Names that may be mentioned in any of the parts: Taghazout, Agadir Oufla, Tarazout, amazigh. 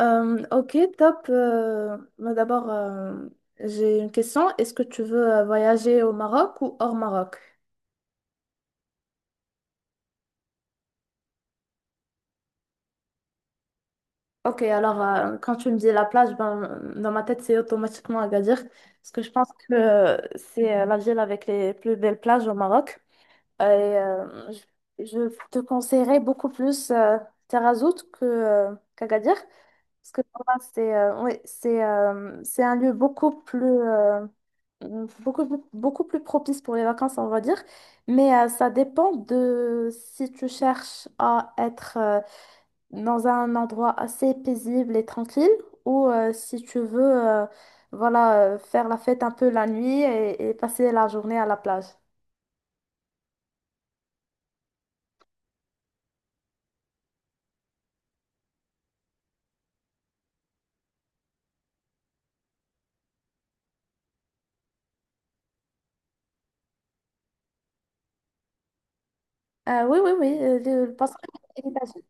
Ok, top. Mais d'abord, j'ai une question. Est-ce que tu veux voyager au Maroc ou hors Maroc? Ok, alors quand tu me dis la plage, ben, dans ma tête, c'est automatiquement Agadir. Parce que je pense que c'est la ville avec les plus belles plages au Maroc. Et je te conseillerais beaucoup plus Taghazout que, qu'Agadir. Parce que pour moi, c'est ouais, c'est un lieu beaucoup plus, mmh, beaucoup plus propice pour les vacances, on va dire. Mais ça dépend de si tu cherches à être dans un endroit assez paisible et tranquille ou si tu veux euh, voilà, faire la fête un peu la nuit et passer la journée à la plage. Oui, oui, oui, le passeport est établi.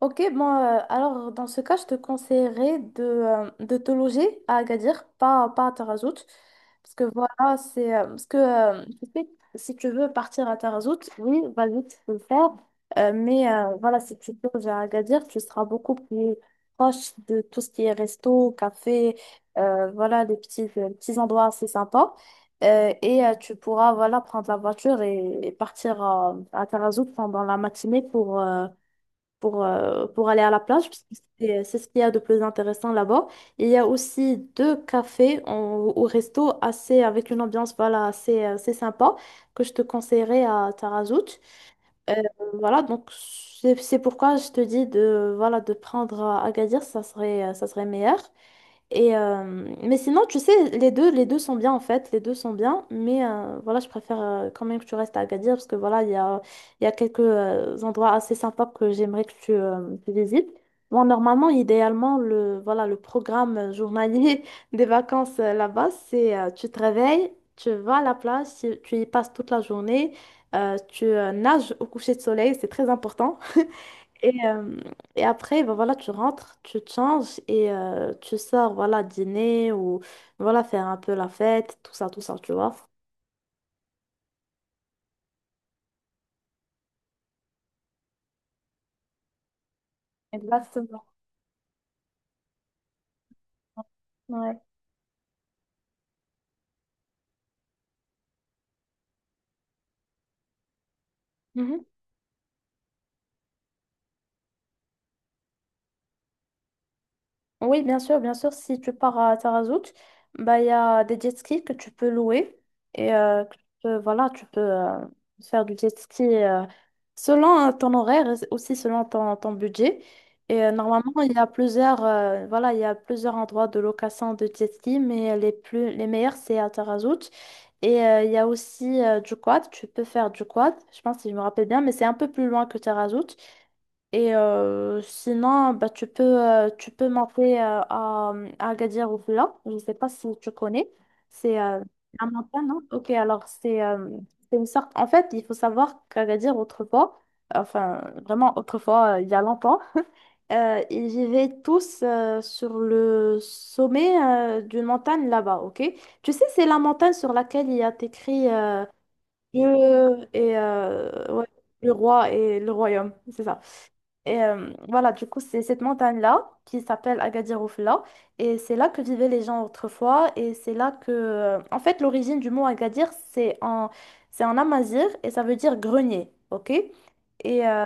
Ok, bon, alors dans ce cas, je te conseillerais de te loger à Agadir, pas à Tarazout. Parce que voilà, c'est. Parce que tu sais, si tu veux partir à Tarazout, oui, vas-y, tu peux le faire. Mais voilà, si tu te loges à Agadir, tu seras beaucoup plus proche de tout ce qui est resto, café, voilà, des petits endroits assez sympas. Tu pourras voilà, prendre la voiture et partir à Tarazout pendant la matinée pour aller à la plage, parce que c'est ce qu'il y a de plus intéressant là-bas. Et il y a aussi deux cafés au resto assez, avec une ambiance voilà, assez sympa que je te conseillerais à Tarazout. Euh, voilà, donc c'est pourquoi je te dis de, voilà, de prendre Agadir, ça serait meilleur. Mais sinon, tu sais, les deux sont bien en fait, les deux sont bien, mais voilà, je préfère quand même que tu restes à Agadir parce que voilà, il y a quelques endroits assez sympas que j'aimerais que tu visites. Bon, normalement, idéalement, voilà, le programme journalier des vacances là-bas, c'est tu te réveilles, tu vas à la plage, tu y passes toute la journée. Tu nages au coucher de soleil, c'est très important. Et, euh, et après, ben voilà, tu rentres, tu te changes et tu sors, voilà, dîner ou voilà, faire un peu la fête, tout ça, tu vois. Exactement. Ouais. Oui, bien sûr, bien sûr. Si tu pars à Tarazout, bah, il y a des jet skis que tu peux louer. Voilà, tu peux faire du jet ski selon ton horaire, et aussi selon ton budget. Normalement, il y a plusieurs, voilà, il y a plusieurs endroits de location de jet ski, mais les meilleurs, c'est à Tarazout. Il y a aussi du quad. Tu peux faire du quad, je pense, si je me rappelle bien, mais c'est un peu plus loin que Tarazout. Sinon, bah, tu peux monter à Agadir Oufla. Je ne sais pas si tu connais. C'est un montagne, non? Ok, alors c'est une sorte. En fait, il faut savoir qu'Agadir, autrefois, enfin, vraiment autrefois, il y a longtemps, ils vivaient tous sur le sommet d'une montagne là-bas, ok? Tu sais, c'est la montagne sur laquelle il y a écrit Dieu et ouais, le roi et le royaume, c'est ça. Voilà, du coup, c'est cette montagne-là qui s'appelle Agadir Oufla. Et c'est là que vivaient les gens autrefois. Et c'est là que. En fait, l'origine du mot Agadir, c'est en amazigh et ça veut dire grenier. Ok? Et, euh,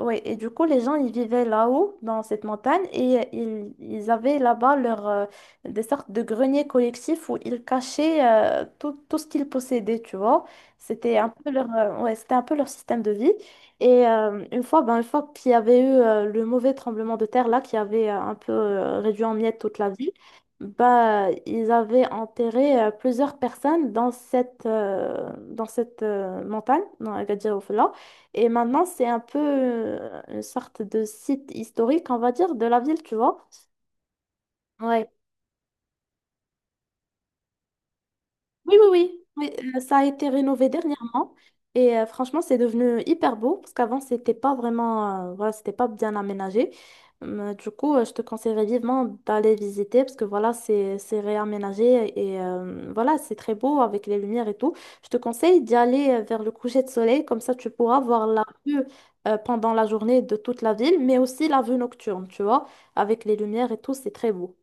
ouais, et du coup, les gens, ils vivaient là-haut, dans cette montagne. Ils avaient là-bas des sortes de greniers collectifs où ils cachaient tout, tout ce qu'ils possédaient, tu vois. C'était un peu leur système de vie. Une fois, ben, une fois qu'il y avait eu le mauvais tremblement de terre là, qui avait un peu réduit en miettes toute la ville, bah, ils avaient enterré plusieurs personnes dans cette montagne, dans Agadir Oufella. Et maintenant, c'est un peu une sorte de site historique, on va dire, de la ville, tu vois. Ouais. Oui, oui, oui. Oui, ça a été rénové dernièrement franchement, c'est devenu hyper beau parce qu'avant, c'était pas vraiment, voilà, c'était pas bien aménagé. Mais du coup, je te conseillerais vivement d'aller visiter parce que voilà, c'est réaménagé voilà, c'est très beau avec les lumières et tout. Je te conseille d'y aller vers le coucher de soleil, comme ça tu pourras voir la vue pendant la journée de toute la ville, mais aussi la vue nocturne, tu vois, avec les lumières et tout, c'est très beau.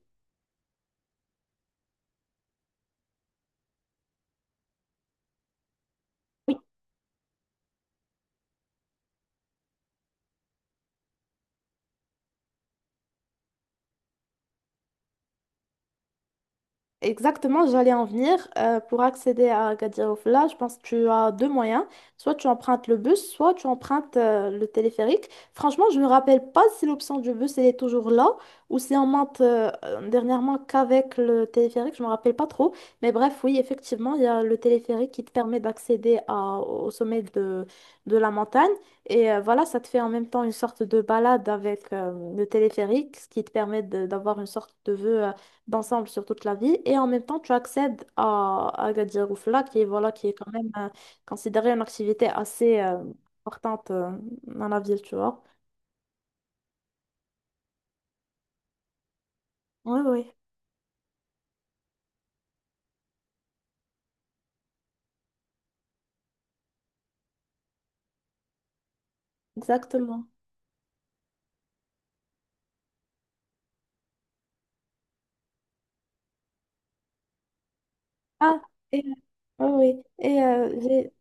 Exactement, j'allais en venir. Pour accéder à Agadir Oufla, je pense que tu as deux moyens. Soit tu empruntes le bus, soit tu empruntes le téléphérique. Franchement, je ne me rappelle pas si l'option du bus elle est toujours là ou si on monte dernièrement qu'avec le téléphérique. Je ne me rappelle pas trop. Mais bref, oui, effectivement, il y a le téléphérique qui te permet au sommet de la montagne. Voilà, ça te fait en même temps une sorte de balade avec le téléphérique, ce qui te permet d'avoir une sorte de vue d'ensemble sur toute la vie et en même temps tu accèdes à Agadir Oufla qui est voilà qui est quand même considérée une activité assez importante dans la ville, tu vois. Oui, oui, exactement. Ah. Et, oui, oui. J'ai...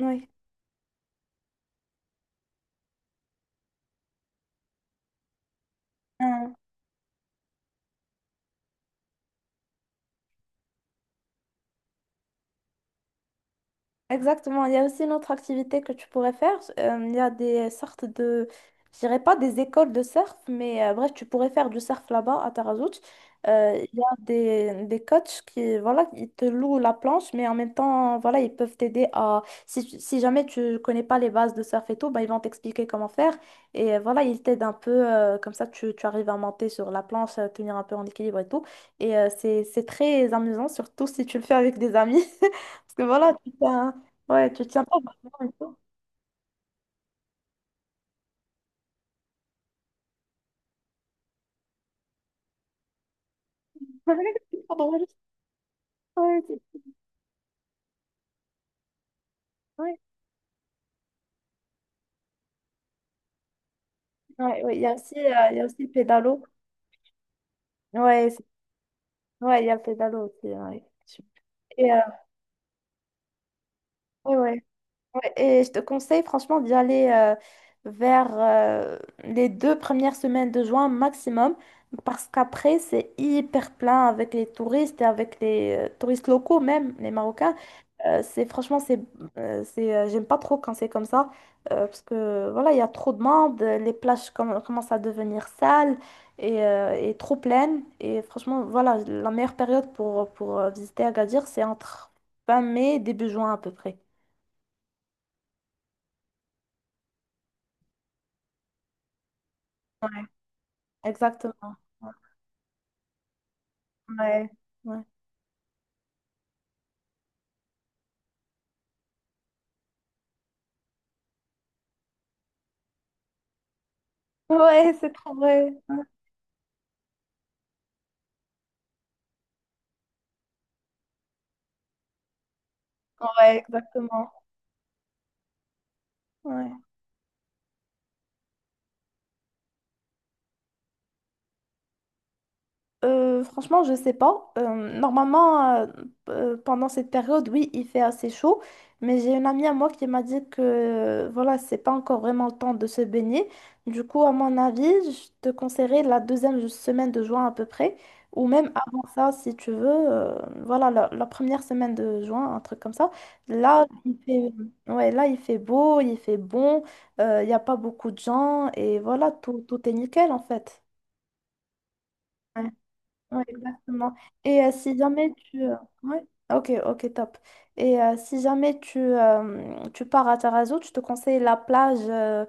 ouais. Euh, Exactement. Il y a aussi une autre activité que tu pourrais faire. Il y a des sortes de, je dirais pas des écoles de surf, mais bref, tu pourrais faire du surf là-bas à Tarazout. Il y a des coachs qui, voilà, ils te louent la planche, mais en même temps, voilà, ils peuvent t'aider à, si jamais tu connais pas les bases de surf et tout, bah, ils vont t'expliquer comment faire. Voilà, ils t'aident un peu, comme ça, tu arrives à monter sur la planche, à tenir un peu en équilibre et tout. C'est très amusant, surtout si tu le fais avec des amis. Parce que voilà, ouais, tu tiens pas vraiment et tout. Pardon, ouais, ouais, ouais, ouais. Il y a aussi, il y a aussi le pédalo. Ouais, c'est- ouais, il y a le pédalo aussi. Ouais. Et, euh, ouais, ouais, ouais. Et je te conseille franchement d'y aller vers les deux premières semaines de juin maximum, parce qu'après, c'est hyper plein avec les touristes et avec les touristes locaux même, les Marocains. C'est franchement c'est J'aime pas trop quand c'est comme ça, parce que voilà il y a trop de monde, les plages commencent à devenir sales et trop pleines et franchement voilà la meilleure période pour visiter Agadir c'est entre fin mai et début juin à peu près. Ouais. Exactement. Ouais, ouais, ouais. C'est trop vrai. Ouais, exactement. Ouais. Franchement, je sais pas. Normalement, pendant cette période, oui, il fait assez chaud. Mais j'ai une amie à moi qui m'a dit que voilà, c'est pas encore vraiment le temps de se baigner. Du coup, à mon avis, je te conseillerais la deuxième semaine de juin à peu près, ou même avant ça, si tu veux. Voilà, la première semaine de juin, un truc comme ça. Là, il fait, ouais, là, il fait beau, il fait bon. Il n'y a pas beaucoup de gens, et voilà, tout, tout est nickel en fait. Ouais, exactement. Si jamais tu... Ouais. Ah, ok, ok, top. Si jamais tu pars à Tarazu, je te conseille la plage,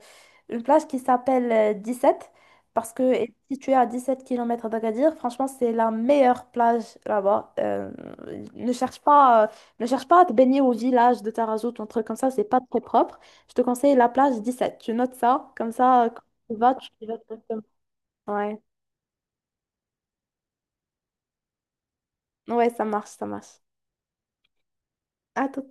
une plage qui s'appelle sept parce que est située à 17 km d'Agadir, franchement, c'est la meilleure plage là-bas. Ne cherche pas, euh, Ne cherche pas à te baigner au village de Tarazu, ton truc comme ça, c'est pas très propre. Je te conseille la plage 17. Tu notes ça, comme ça, quand tu vas, tu y vas directement. Ouais, ouais, ça marche, ça marche. À tout.